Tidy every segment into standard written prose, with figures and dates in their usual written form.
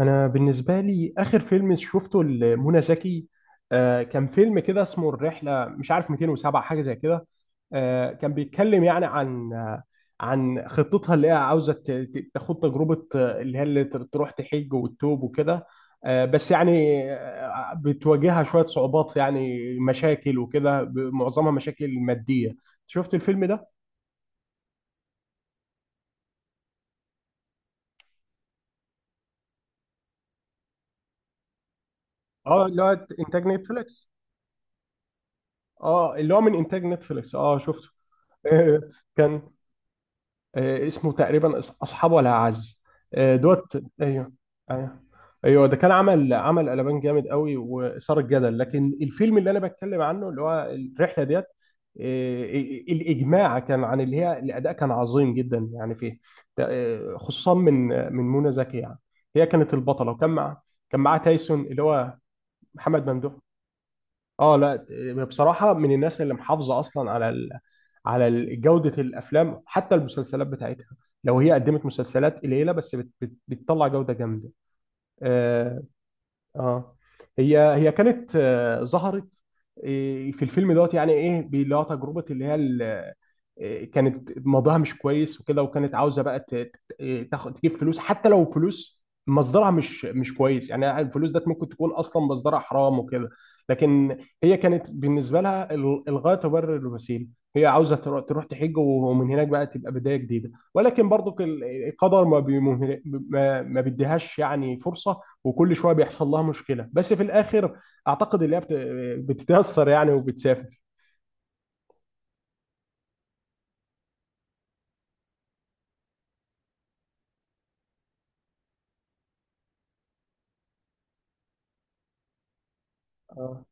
انا بالنسبه لي اخر فيلم شفته لمنى زكي. كان فيلم كده اسمه الرحله، مش عارف 207 حاجه زي كده. كان بيتكلم يعني عن خطتها اللي هي عاوزه تاخد تجربه، اللي هي تروح تحج وتتوب وكده. بس يعني بتواجهها شويه صعوبات، يعني مشاكل وكده، معظمها مشاكل ماديه. شفت الفيلم ده؟ اه، اللي هو انتاج نتفليكس، اه، اللي هو من انتاج نتفليكس، شفته. كان، اسمه تقريبا اصحاب ولا اعز، آه، دوت، ايوه ايوه. ايوه، ده كان عمل قلبان جامد قوي واثار الجدل، لكن الفيلم اللي انا بتكلم عنه اللي هو الرحله ديت. آه، الاجماع كان عن اللي هي الاداء كان عظيم جدا يعني فيه، خصوصا من منى زكي يعني. هي كانت البطله، وكان مع كان معاه تايسون اللي هو محمد ممدوح. اه، لا، بصراحة، من الناس اللي محافظة أصلا على جودة الأفلام، حتى المسلسلات بتاعتها. لو هي قدمت مسلسلات قليلة بس بتطلع جودة جامدة، آه، اه، هي كانت، ظهرت في الفيلم دوت، يعني ايه، اللي هو تجربه، اللي هي كانت موضوعها مش كويس وكده، وكانت عاوزه بقى تاخد تجيب فلوس، حتى لو فلوس مصدرها مش كويس، يعني الفلوس ده ممكن تكون اصلا مصدرها حرام وكده. لكن هي كانت بالنسبه لها الغايه تبرر الوسيله. هي عاوزه تروح تحج ومن هناك بقى تبقى بدايه جديده، ولكن برضو القدر ما بي- ما ما بيديهاش يعني فرصه، وكل شويه بيحصل لها مشكله، بس في الاخر اعتقد اللي هي بتتاثر يعني وبتسافر. اه،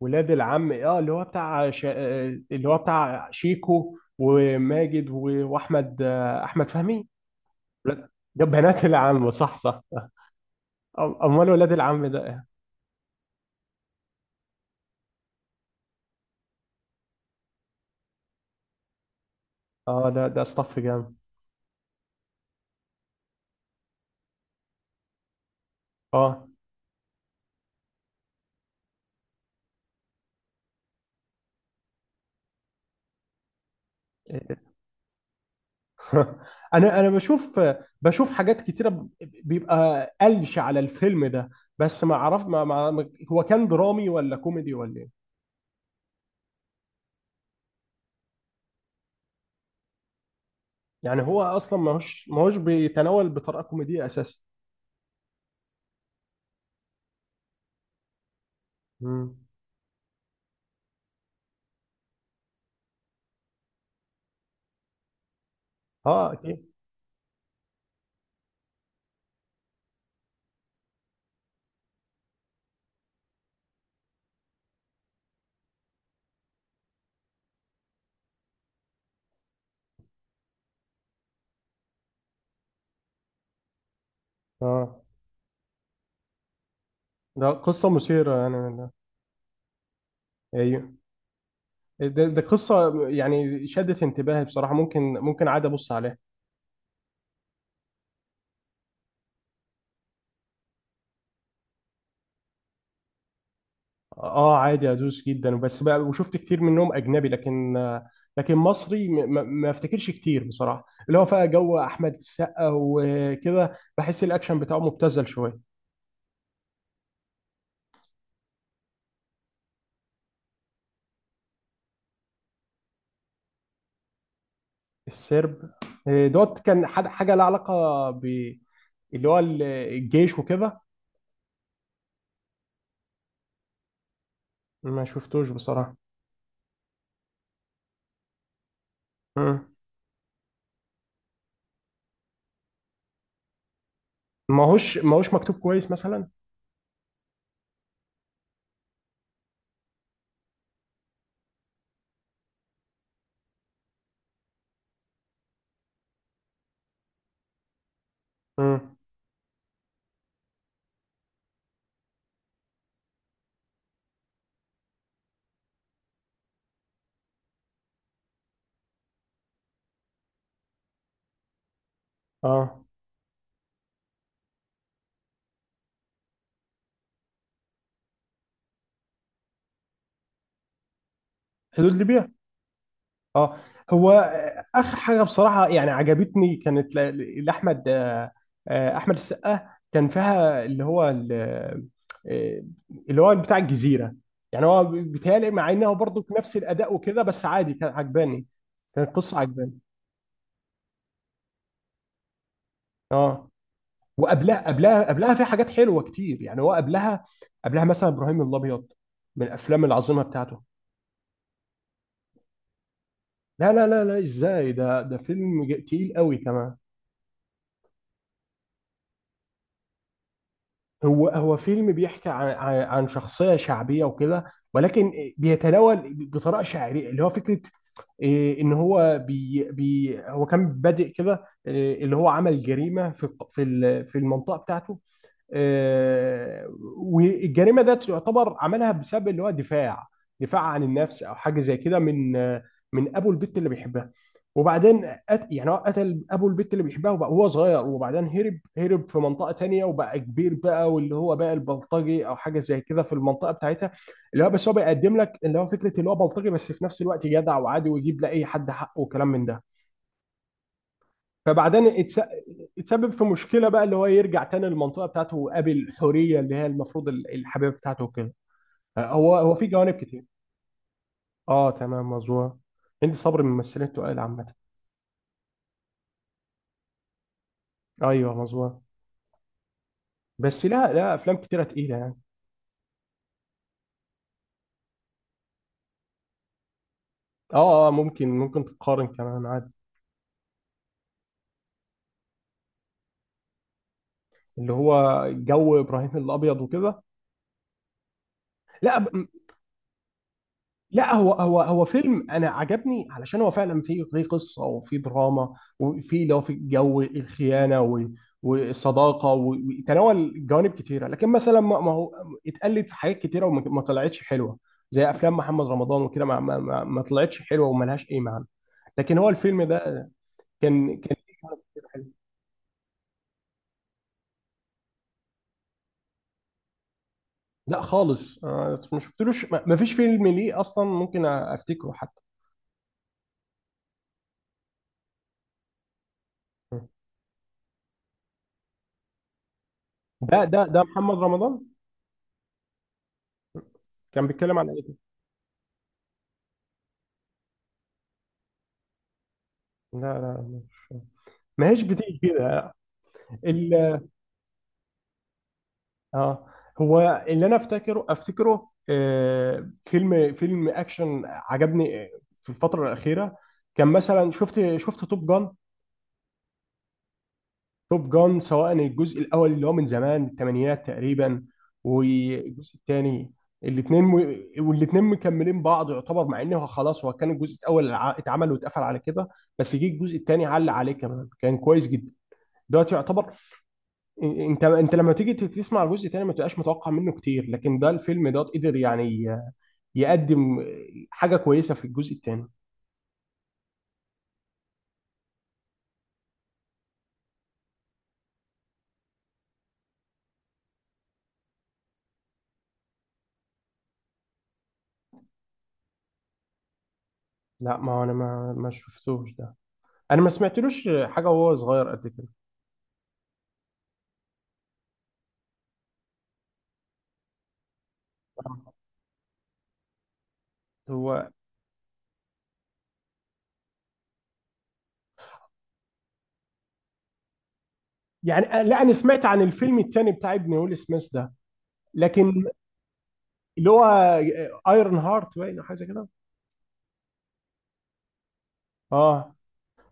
ولاد العم، اللي هو بتاع اللي هو بتاع شيكو وماجد واحمد، احمد فهمي. ولاد- ده بنات العم، صح، صح. امال ولاد العم ده إيه؟ اه، ده اصطف جامد، اه. انا بشوف حاجات كتيره بيبقى قلش على الفيلم ده، بس ما عرف هو كان درامي ولا كوميدي ولا ايه. يعني هو اصلا ما هوش بيتناول بطريقه كوميديه اساسا. مم. اه، اكيد. اه، ده قصه مثيره يعني. ايوه، ده قصه يعني شدت انتباهي بصراحه، ممكن عادي ابص عليها. اه، عادي ادوس جدا بس بقى، وشفت كتير منهم اجنبي، لكن مصري ما افتكرش كتير بصراحه، اللي هو بقى جو احمد السقا وكده. بحس الاكشن بتاعه مبتذل شويه. السرب، دوت، كان حاجه لها علاقه ب اللي هو الجيش وكده. ما شفتوش بصراحه. مم. ما هوش مكتوب كويس مثلا. مم. اه، حدود ليبيا. اه، هو اخر حاجه بصراحه يعني عجبتني كانت لاحمد، احمد السقا كان فيها آه، اللي هو بتاع الجزيره. يعني هو بيتهيألي مع انه برضه نفس الاداء وكده، بس عادي كان عجباني، كانت قصه عجباني. اه، وقبلها قبلها قبلها في حاجات حلوه كتير، يعني هو قبلها مثلا ابراهيم الابيض من الافلام العظيمه بتاعته. لا، لا، لا، لا، ازاي؟ ده فيلم تقيل قوي كمان. هو فيلم بيحكي عن شخصية شعبية وكده، ولكن بيتناول بطريقة شعرية اللي هو فكرة إيه، ان هو بي بي هو كان بادئ كده، إيه، اللي هو عمل جريمة في المنطقة بتاعته. آه، والجريمه ده تعتبر عملها بسبب اللي هو دفاع، دفاع عن النفس او حاجه زي كده، من ابو البت اللي بيحبها. وبعدين يعني هو قتل ابو البت اللي بيحبها، وبقى هو صغير، وبعدين هرب، هرب في منطقه تانية، وبقى كبير بقى واللي هو بقى البلطجي او حاجه زي كده في المنطقه بتاعتها، اللي هو بس هو بيقدم لك اللي هو فكره اللي هو بلطجي بس في نفس الوقت جدع وعادي ويجيب لاي حد حقه وكلام من ده. فبعدين يتسبب في مشكله بقى، اللي هو يرجع تاني للمنطقه بتاعته ويقابل حوريه اللي هي المفروض الحبيبه بتاعته وكده، هو في جوانب كتير. اه، تمام، مظبوط. هندي صبري من الممثلين التقال عامه. ايوه، مظبوط. بس، لا، لا، افلام كتيره تقيله يعني. اه، اه، ممكن تقارن كمان عادي. اللي هو جو ابراهيم الابيض وكده. لا، لا، هو فيلم انا عجبني علشان هو فعلا فيه قصه وفيه دراما، وفيه لو في جو الخيانه والصداقه وتناول جوانب كتيره، لكن مثلا ما هو اتقلد في حاجات كتيره، وما ما طلعتش حلوه، زي افلام محمد رمضان وكده ما طلعتش حلوه وملهاش اي معنى، لكن هو الفيلم ده كان فيه جوانب كتيرة حلوة. لا، خالص، ما شفتلوش، ما فيش فيلم ليه اصلا ممكن افتكره حتى. ده محمد رمضان كان بيتكلم عن ايه؟ لا، لا، مش، ما هيش بتيجي كده. ال- اه، هو اللي انا افتكره فيلم اكشن عجبني، في الفتره الاخيره كان مثلا شفت توب جان. توب جان، سواء الجزء الاول اللي هو من زمان الثمانينات تقريبا، والجزء الثاني، الاثنين، والاثنين مكملين بعض يعتبر، مع انه خلاص هو كان الجزء الاول اتعمل واتقفل على كده، بس جه الجزء الثاني علق عليه كمان كان كويس جدا دلوقتي يعتبر. انت لما تيجي تسمع الجزء تاني ما تبقاش متوقع منه كتير، لكن ده الفيلم ده قدر يعني يقدم حاجه كويسه في الجزء التاني. لا، ما هو انا ما شفتوش ده. انا ما سمعتلوش حاجه وهو صغير قد كده، هو يعني، لا انا سمعت عن الفيلم التاني بتاع ابن ويل سميث ده، لكن اللي هو ايرون هارت باين أو حاجه زي كده. اه،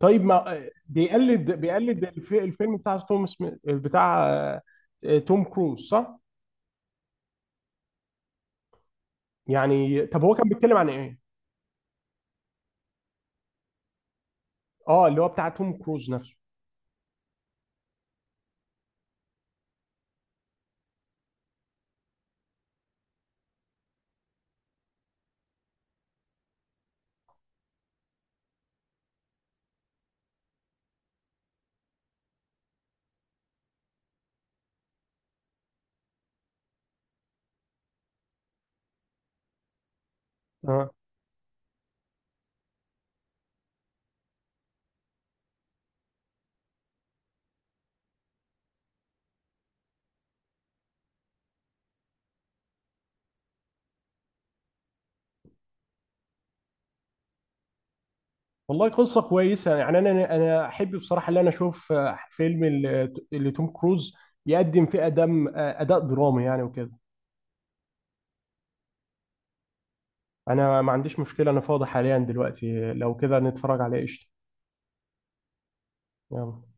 طيب، ما بيقلد الفيلم بتاع توم سميث بتاع، توم كروز، صح؟ يعني طب هو كان بيتكلم عن ايه؟ اه، اللي هو بتاع توم كروز نفسه. اه، والله قصة كويسة يعني انا احب بصراحة ان انا اشوف فيلم اللي توم كروز يقدم فيه ادم، اداء درامي يعني وكده. انا ما عنديش مشكلة، انا فاضي حاليا دلوقتي، لو كده نتفرج عليه، قشطة. يلا.